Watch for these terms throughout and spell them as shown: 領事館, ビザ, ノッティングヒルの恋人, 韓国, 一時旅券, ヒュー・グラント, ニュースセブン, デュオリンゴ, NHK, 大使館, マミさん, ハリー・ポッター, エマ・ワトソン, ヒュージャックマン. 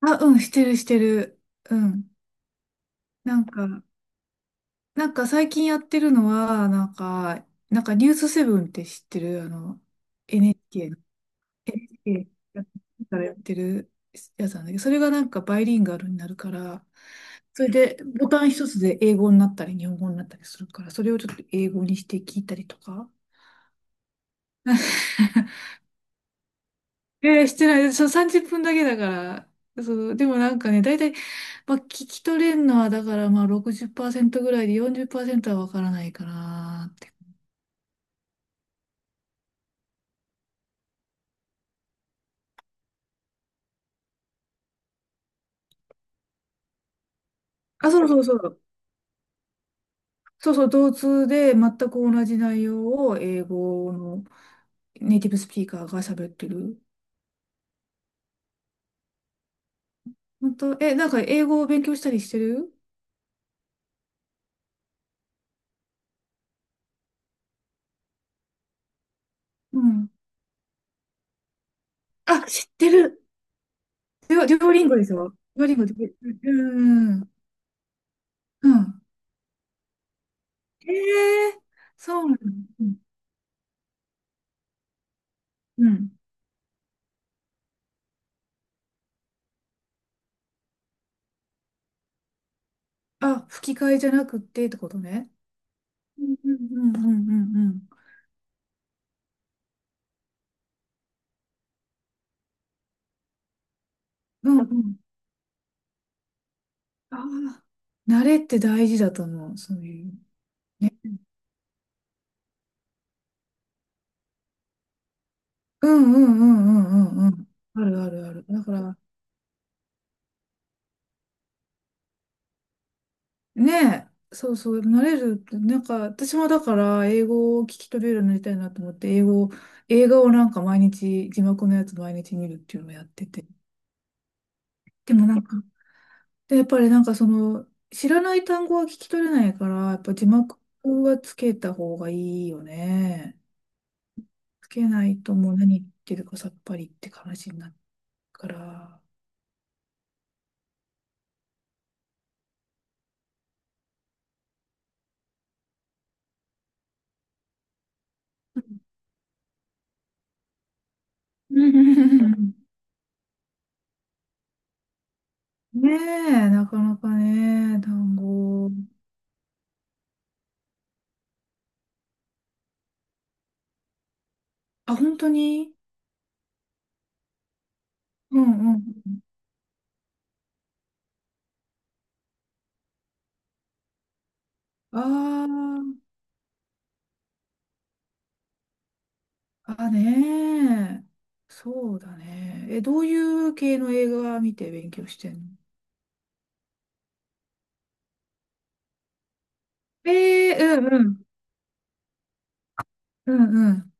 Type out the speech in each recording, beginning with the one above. あ、うん、してる。うん。なんか、なんか最近やってるのは、なんかニュースセブンって知ってるNHK の、n からやってるやつなんだけど、それがなんかバイリンガルになるから、それでボタン一つで英語になったり日本語になったりするから、それをちょっと英語にして聞いたりとか。えー、してない。そう、30分だけだから。そう、でもなんかね、だいたい、まあ、聞き取れるのは、だから、まあ、60%ぐらいで40%はわからないかなって。あ、そうそうそう。そうそう、同通で全く同じ内容を英語のネイティブスピーカーが喋ってる。本当、え、なんか英語を勉強したりしてる。うん。あ、知ってる。デュオリンゴですよ。デュオリンゴで。うん。うん。ええー、そうなの。うん。うん。あ、吹き替えじゃなくってってことね。うんうんうんうんうんうん。うんうん。ああ、慣れって大事だと思う、そういう。ね。うんうんうんうんうんうん。あるあるある。だから、ねえ、そうそう、慣れるって、なんか、私もだから、英語を聞き取れるようになりたいなと思って、英語を、映画をなんか毎日、字幕のやつ毎日見るっていうのをやってて。でもなんか、で、やっぱりなんかその、知らない単語は聞き取れないから、やっぱ字幕はつけた方がいいよね。つけないともう何言ってるかさっぱりって話になるから。うん。 ねえ、なかなかね、単語。あ、本当に。うんうん。ああ、あねえ。そうだね。え、どういう系の映画見て勉強してんの？ええ、うんうん。うんうん。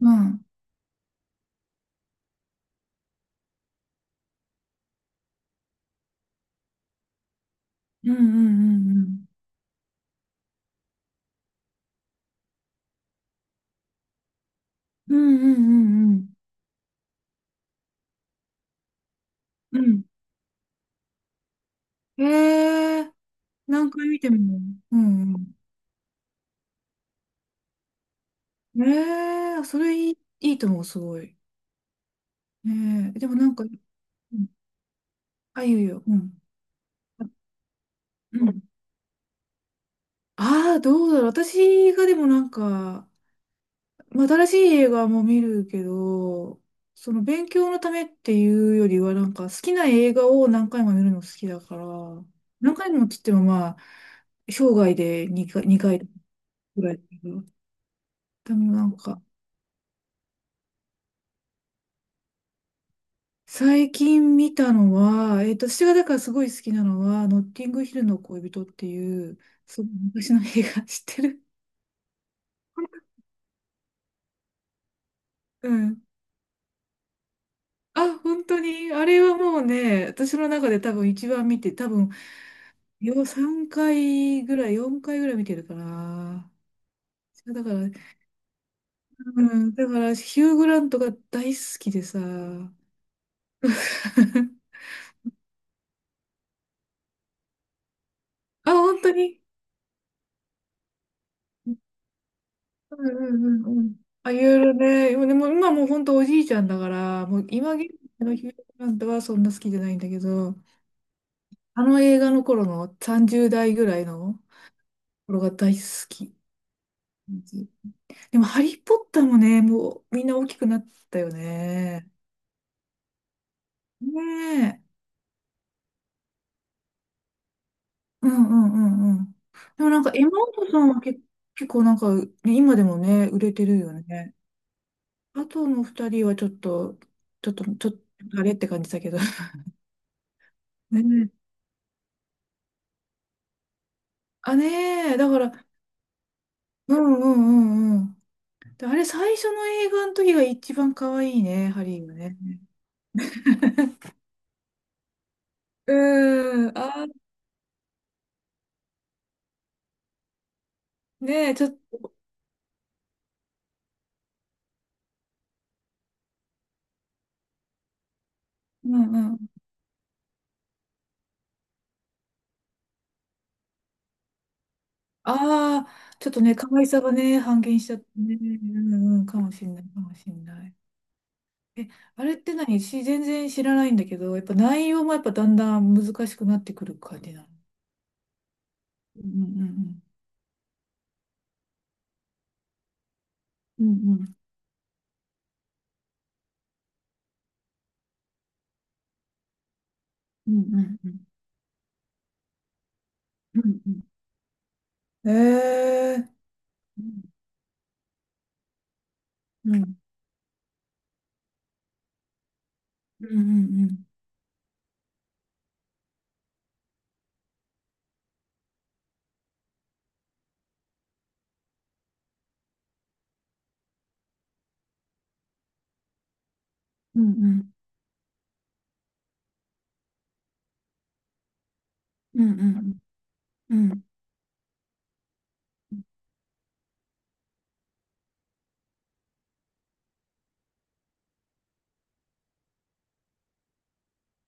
うん。うんうんうんうん。うんうんうんうん。うん。えー、何回見ても。うんうん。えー、それいい、いいと思う、すごい。えー、でもなんか、うん、あ、いいよいいよ。うん。うん。ああ、どうだろう。私がでもなんか、まあ新しい映画も見るけど、その勉強のためっていうよりは、なんか好きな映画を何回も見るの好きだから、何回もって言ってもまあ、生涯で2回ぐらいだけど。でもなんか、最近見たのは、えっと、私がだからすごい好きなのは、ノッティングヒルの恋人っていう、そう、昔の映画。 知ってる？うん。あ、本当に、あれはもうね、私の中で多分一番見て、多分、よ、3回ぐらい、4回ぐらい見てるかな。だから、うん、だから、ヒュー・グラントが大好きでさ。あ、本当に。うんうんうんうん。あ、いろいろね。でも、でも今もう本当おじいちゃんだから、もう今現在のヒュージャックマンとはそんな好きじゃないんだけど、あの映画の頃の30代ぐらいの頃が大好き。でも、ハリー・ポッターもね、もうみんな大きくなったよね。ねえ。うんうんうんうん。でもなんか、エマ・ワトソンは結構なんか、ね、今でもね、売れてるよね。あとの二人はちょっと、ちょっと、ちょっと、あれって感じだけど。ね、あ、ねえ、だから、うんうんうんうん。で、あれ、最初の映画の時が一番可愛いね、ハリーがね。うーん、あー、ねえ、ちょっと、うんうん。ああ、ちょっとね、可愛さがね、半減しちゃってね、うんうん、かもしんない、かもしんない。え、あれって何し、全然知らないんだけど、やっぱ内容もやっぱだんだん難しくなってくる感じなの？うんうんうん。うんうんうんうんうんうんうん。えー、うんうんうんうんうんうんうん。うんうんうん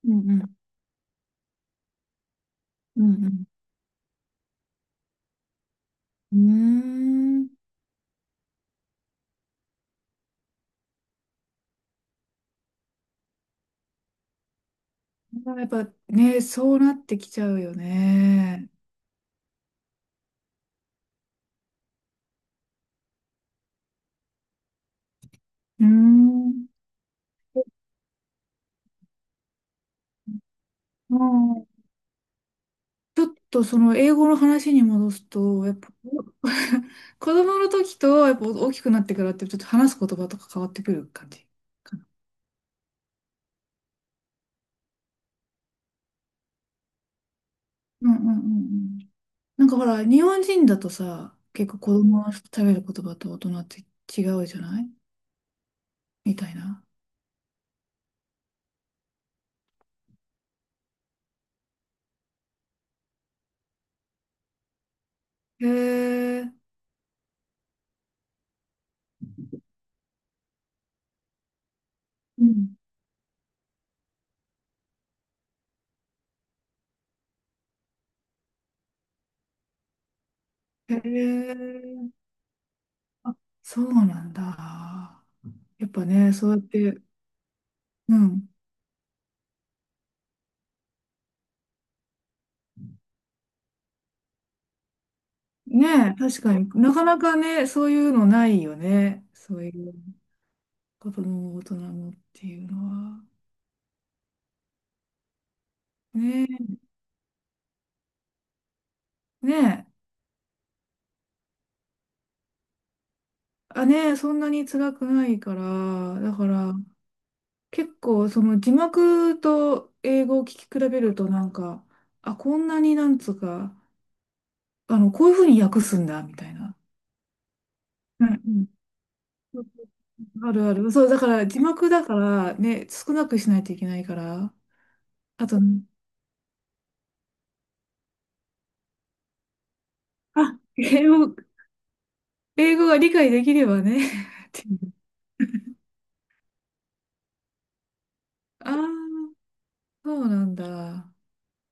うんうんうんうん、うーん。やっぱね、そうなってきちゃうよね。うーん。うん、ちょっとその英語の話に戻すと、やっぱ 子供の時とやっぱ大きくなってからってちょっと話す言葉とか変わってくる感じかな。うんうんうんうん。なんかほら、日本人だとさ、結構子供の食べる言葉と大人って違うじゃない、みたいな。へえ。うん、へえ、あ、そうなんだ。やっぱね、そうやって、うん。ねえ、確かになかなかね、そういうのないよね。そういう子供も大人もっていうのは。ねえ、ねえ、あ、ねえ、そんなに辛くないから、だから結構その字幕と英語を聞き比べるとなんか、あ、こんなになんつうか、あの、こういうふうに訳すんだ、みたいな。うん、あるある。そう、だから字幕だからね、少なくしないといけないから。あと、あ、英語が理解できればね、 っていう。ああ、そうなんだ。